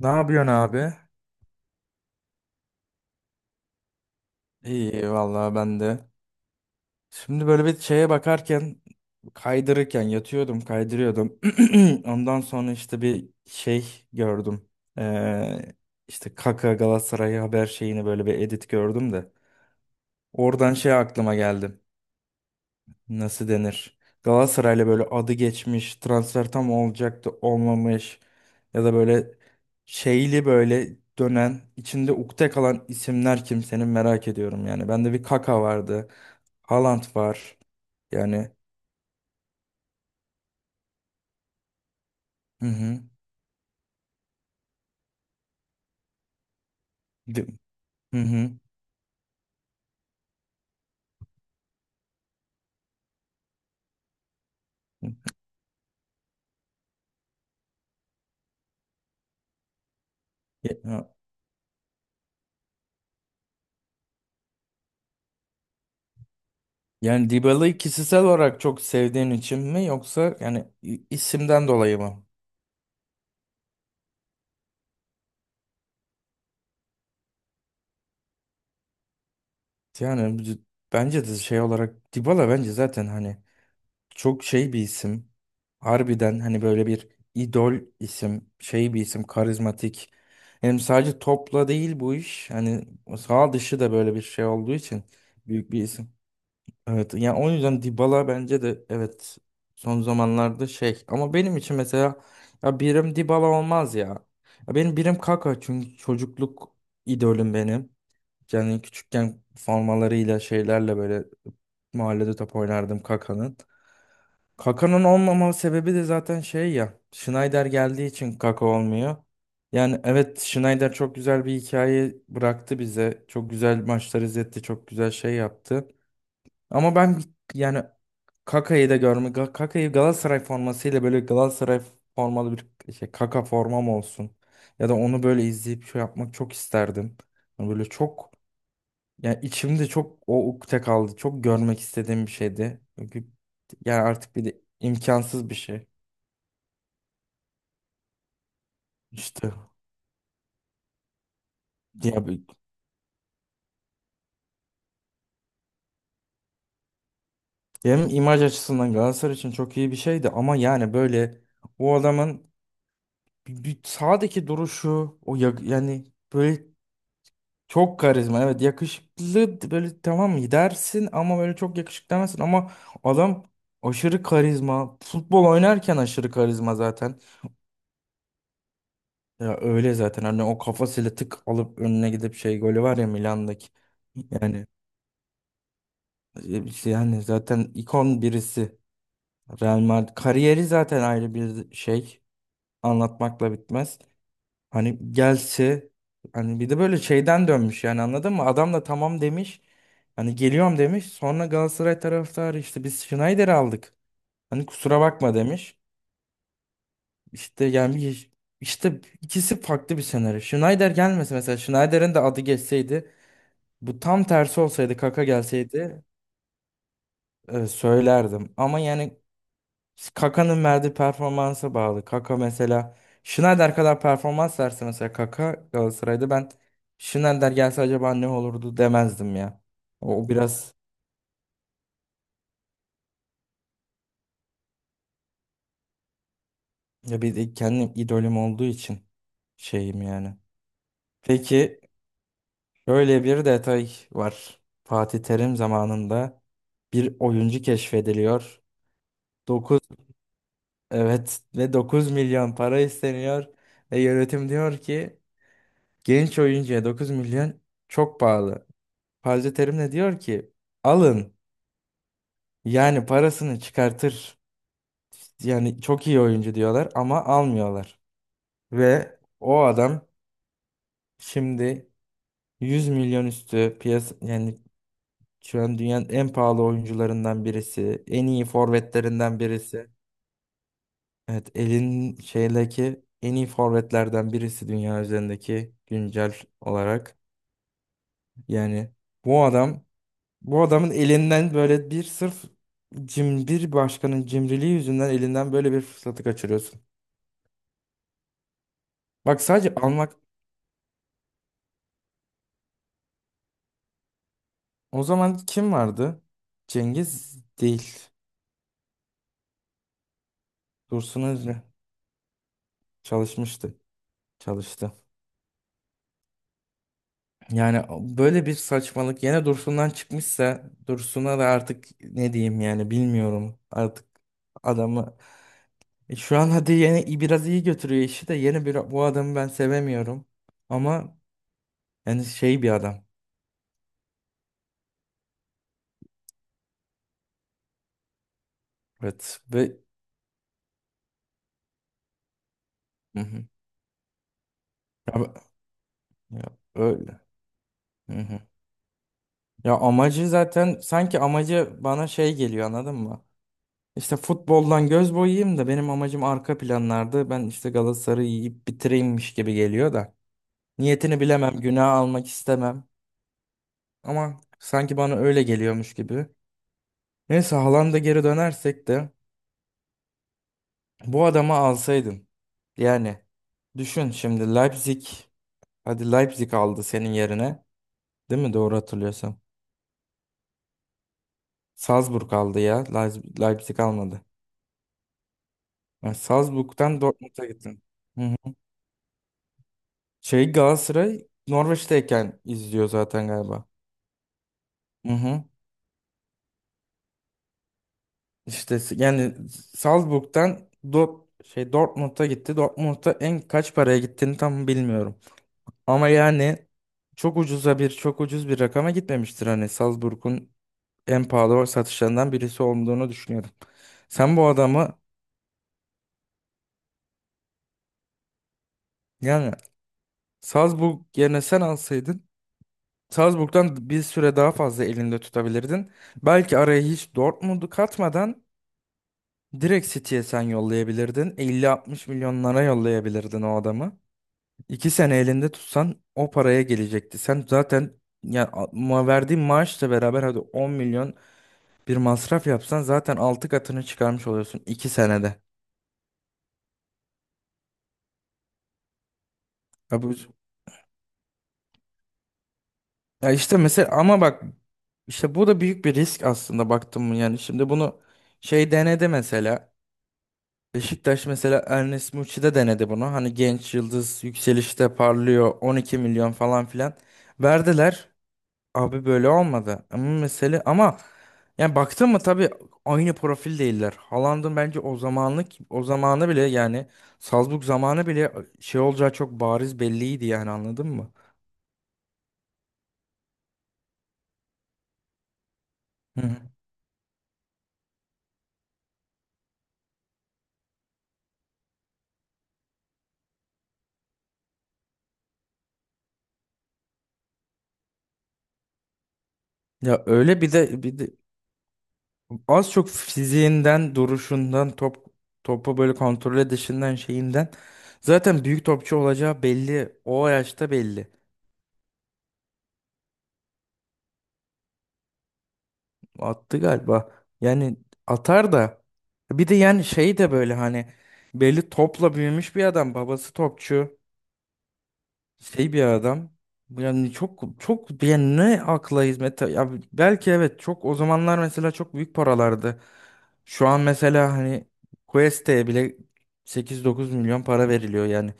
Ne yapıyorsun abi? İyi vallahi ben de. Şimdi böyle bir şeye bakarken kaydırırken yatıyordum kaydırıyordum. Ondan sonra işte bir şey gördüm. Ee, işte Kaka Galatasaray haber şeyini böyle bir edit gördüm de. Oradan şey aklıma geldi. Nasıl denir? Galatasaray'la böyle adı geçmiş, transfer tam olacaktı, olmamış ya da böyle şeyli böyle dönen, içinde ukde kalan isimler kim senin merak ediyorum yani. Bende bir Kaka vardı. Haaland var. Yani hı hı. Di- Hı hı. Ya- Yani Dybala'yı kişisel olarak çok sevdiğin için mi yoksa yani isimden dolayı mı? Yani bence de şey olarak Dybala bence zaten hani çok şey bir isim. Harbiden hani böyle bir idol isim, şey bir isim, karizmatik. Hem sadece topla değil bu iş. Hani sağ dışı da böyle bir şey olduğu için büyük bir isim. Evet yani o yüzden Dybala bence de evet, son zamanlarda şey, ama benim için mesela ya birim Dybala olmaz ya. Ya benim birim Kaka, çünkü çocukluk idolüm benim. Yani küçükken formalarıyla şeylerle böyle mahallede top oynardım Kaka'nın. Kaka'nın olmama sebebi de zaten şey ya. Schneider geldiği için Kaka olmuyor. Yani evet, Schneider çok güzel bir hikaye bıraktı bize. Çok güzel maçlar izletti. Çok güzel şey yaptı. Ama ben yani Kaka'yı da görme. Kaka'yı Galatasaray formasıyla böyle Galatasaray formalı bir şey Kaka formam olsun. Ya da onu böyle izleyip şey yapmak çok isterdim. Yani böyle çok, ya içimde çok o ukde kaldı. Çok görmek istediğim bir şeydi. Çünkü yani artık bir de imkansız bir şey. İşte ya hem imaj açısından Galatasaray için çok iyi bir şeydi, ama yani böyle o adamın bir sağdaki duruşu o yani böyle çok karizma, evet, yakışıklı böyle tamam mı dersin ama böyle çok yakışıklı demezsin, ama adam aşırı karizma, futbol oynarken aşırı karizma zaten. Ya öyle zaten, hani o kafasıyla tık alıp önüne gidip şey golü var ya Milan'daki. Yani işte yani zaten ikon birisi. Real Madrid kariyeri zaten ayrı bir şey. Anlatmakla bitmez. Hani gelse, hani bir de böyle şeyden dönmüş yani anladın mı? Adam da tamam demiş. Hani geliyorum demiş. Sonra Galatasaray taraftarı, işte biz Schneider'i aldık. Hani kusura bakma demiş. İşte yani işte ikisi farklı bir senaryo. Schneider gelmese mesela, Schneider'in de adı geçseydi, bu tam tersi olsaydı, Kaka gelseydi, söylerdim. Ama yani Kaka'nın verdiği performansa bağlı. Kaka mesela Schneider kadar performans verse mesela Kaka Galatasaray'da, ben Schneider gelse acaba ne olurdu demezdim ya. O, biraz ya bir de kendim idolüm olduğu için şeyim yani. Peki, şöyle bir detay var. Fatih Terim zamanında bir oyuncu keşfediliyor. Evet, ve 9 milyon para isteniyor ve yönetim diyor ki genç oyuncuya 9 milyon çok pahalı. Fazla Terim de diyor ki alın, yani parasını çıkartır. Yani çok iyi oyuncu diyorlar ama almıyorlar. Ve o adam şimdi 100 milyon üstü piyasa, yani şu an dünyanın en pahalı oyuncularından birisi, en iyi forvetlerinden birisi. Evet, elin şeydeki en iyi forvetlerden birisi, dünya üzerindeki güncel olarak. Yani bu adam bu adamın elinden böyle bir, sırf bir başkanın cimriliği yüzünden, elinden böyle bir fırsatı kaçırıyorsun. Bak, sadece almak. O zaman kim vardı? Cengiz değil. Dursun Özbek çalışmıştı. Çalıştı. Yani böyle bir saçmalık yine Dursun'dan çıkmışsa, Dursun'a da artık ne diyeyim yani, bilmiyorum. Artık adamı şu an hadi yeni biraz iyi götürüyor işi de, yeni bir bu adamı ben sevemiyorum. Ama yani şey bir adam. Evet ve Hı hı. Ya, ya, öyle. Hı hı. Ya amacı zaten, sanki amacı bana şey geliyor anladın mı? İşte futboldan göz boyayayım da, benim amacım arka planlarda ben işte Galatasaray'ı yiyip bitireyimmiş gibi geliyor da. Niyetini bilemem, günah almak istemem, ama sanki bana öyle geliyormuş gibi. Neyse, Haaland'a geri dönersek de, bu adamı alsaydın. Yani düşün şimdi Leipzig. Hadi Leipzig aldı senin yerine. Değil mi? Doğru hatırlıyorsam. Salzburg aldı ya. Leipzig almadı. Yani Salzburg'dan Dortmund'a gittin. Hı hı. Şey Galatasaray Norveç'teyken izliyor zaten galiba. Hı hı. İşte yani Salzburg'dan şey Dortmund'a gitti. Dortmund'a en kaç paraya gittiğini tam bilmiyorum. Ama yani çok ucuz bir rakama gitmemiştir, hani Salzburg'un en pahalı satışlarından birisi olduğunu düşünüyordum. Sen bu adamı, yani Salzburg yerine sen alsaydın, Salzburg'dan bir süre daha fazla elinde tutabilirdin. Belki araya hiç Dortmund'u katmadan direkt City'ye sen yollayabilirdin. 50-60 milyonlara yollayabilirdin o adamı. 2 sene elinde tutsan o paraya gelecekti. Sen zaten ya verdiğin maaşla beraber hadi 10 milyon bir masraf yapsan zaten 6 katını çıkarmış oluyorsun 2 senede. Ya bu Ya işte mesela, ama bak işte bu da büyük bir risk aslında, baktım mı yani şimdi bunu şey denedi mesela, Beşiktaş mesela Ernest Muçi'de denedi bunu, hani genç yıldız yükselişte parlıyor, 12 milyon falan filan verdiler, abi böyle olmadı. Ama mesele, ama yani baktın mı tabii aynı profil değiller Haaland'ın bence, o zamanlık o zamanı bile yani, Salzburg zamanı bile şey olacağı çok bariz belliydi yani anladın mı? Hı hı. Ya öyle, bir de az çok fiziğinden, duruşundan, topu böyle kontrol edişinden, şeyinden, zaten büyük topçu olacağı belli. O yaşta belli. Attı galiba. Yani atar da, bir de yani şey de böyle hani belli topla büyümüş bir adam. Babası topçu. Şey bir adam yani çok çok, yani ne akla hizmet ya, belki evet çok, o zamanlar mesela çok büyük paralardı. Şu an mesela hani Quest'e bile 8-9 milyon para veriliyor yani.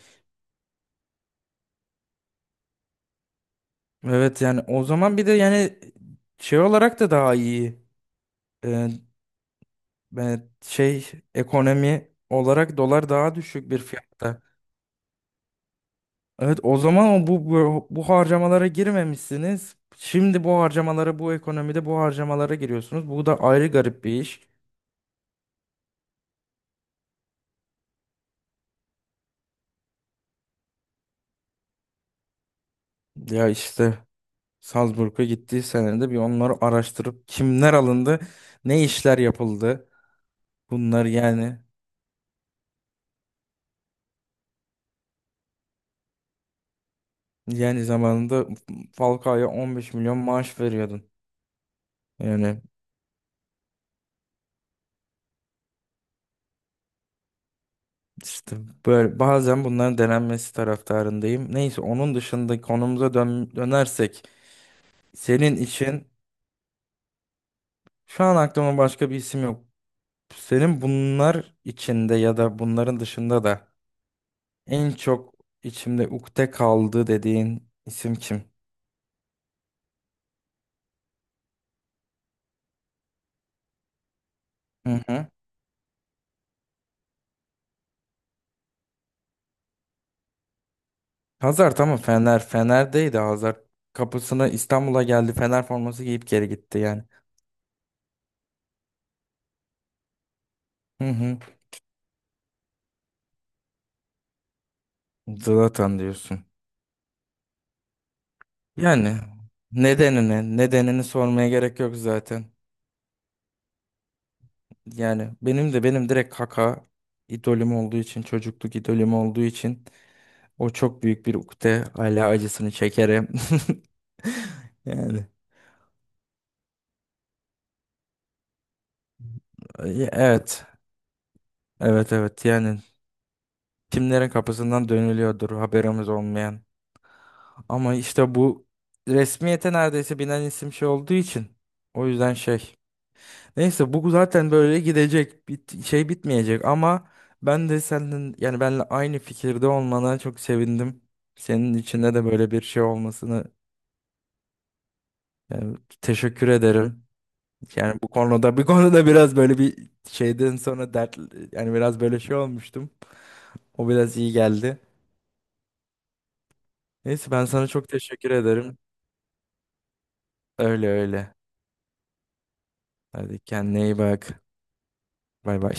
Evet yani o zaman bir de yani şey olarak da daha iyi. Ee, şey ekonomi olarak dolar daha düşük bir fiyatta. Evet, o zaman o bu harcamalara girmemişsiniz. Şimdi bu harcamalara, bu ekonomide bu harcamalara giriyorsunuz. Bu da ayrı garip bir iş. Ya işte Salzburg'a gittiği senede bir onları araştırıp kimler alındı, ne işler yapıldı. Bunlar yani, zamanında Falcao'ya 15 milyon maaş veriyordun. Yani işte böyle bazen bunların denenmesi taraftarındayım. Neyse, onun dışında konumuza dönersek senin için. Şu an aklıma başka bir isim yok. Senin bunlar içinde ya da bunların dışında da en çok içimde ukde kaldı dediğin isim kim? Hı hı. Hazard tamam, Fener. Fener'deydi Hazar. Kapısına İstanbul'a geldi. Fener forması giyip geri gitti yani. Hı hı. Zlatan diyorsun. Yani nedenini, nedenini sormaya gerek yok zaten. Yani benim direkt Kaka, idolüm olduğu için, çocukluk idolüm olduğu için o çok büyük bir ukde. Hala acısını çekerim. Yani e, evet. Evet, evet, yani kimlerin kapısından dönülüyordur haberimiz olmayan. Ama işte bu resmiyete neredeyse binen isim şey olduğu için, o yüzden şey. Neyse bu zaten böyle gidecek. Şey bitmeyecek ama ben de senin, yani benle aynı fikirde olmana çok sevindim. Senin içinde de böyle bir şey olmasını, yani teşekkür ederim. Yani bu konuda, biraz böyle bir şeyden sonra dert, yani biraz böyle şey olmuştum. O biraz iyi geldi. Neyse ben sana çok teşekkür ederim. Öyle öyle. Hadi kendine iyi bak. Bay bay.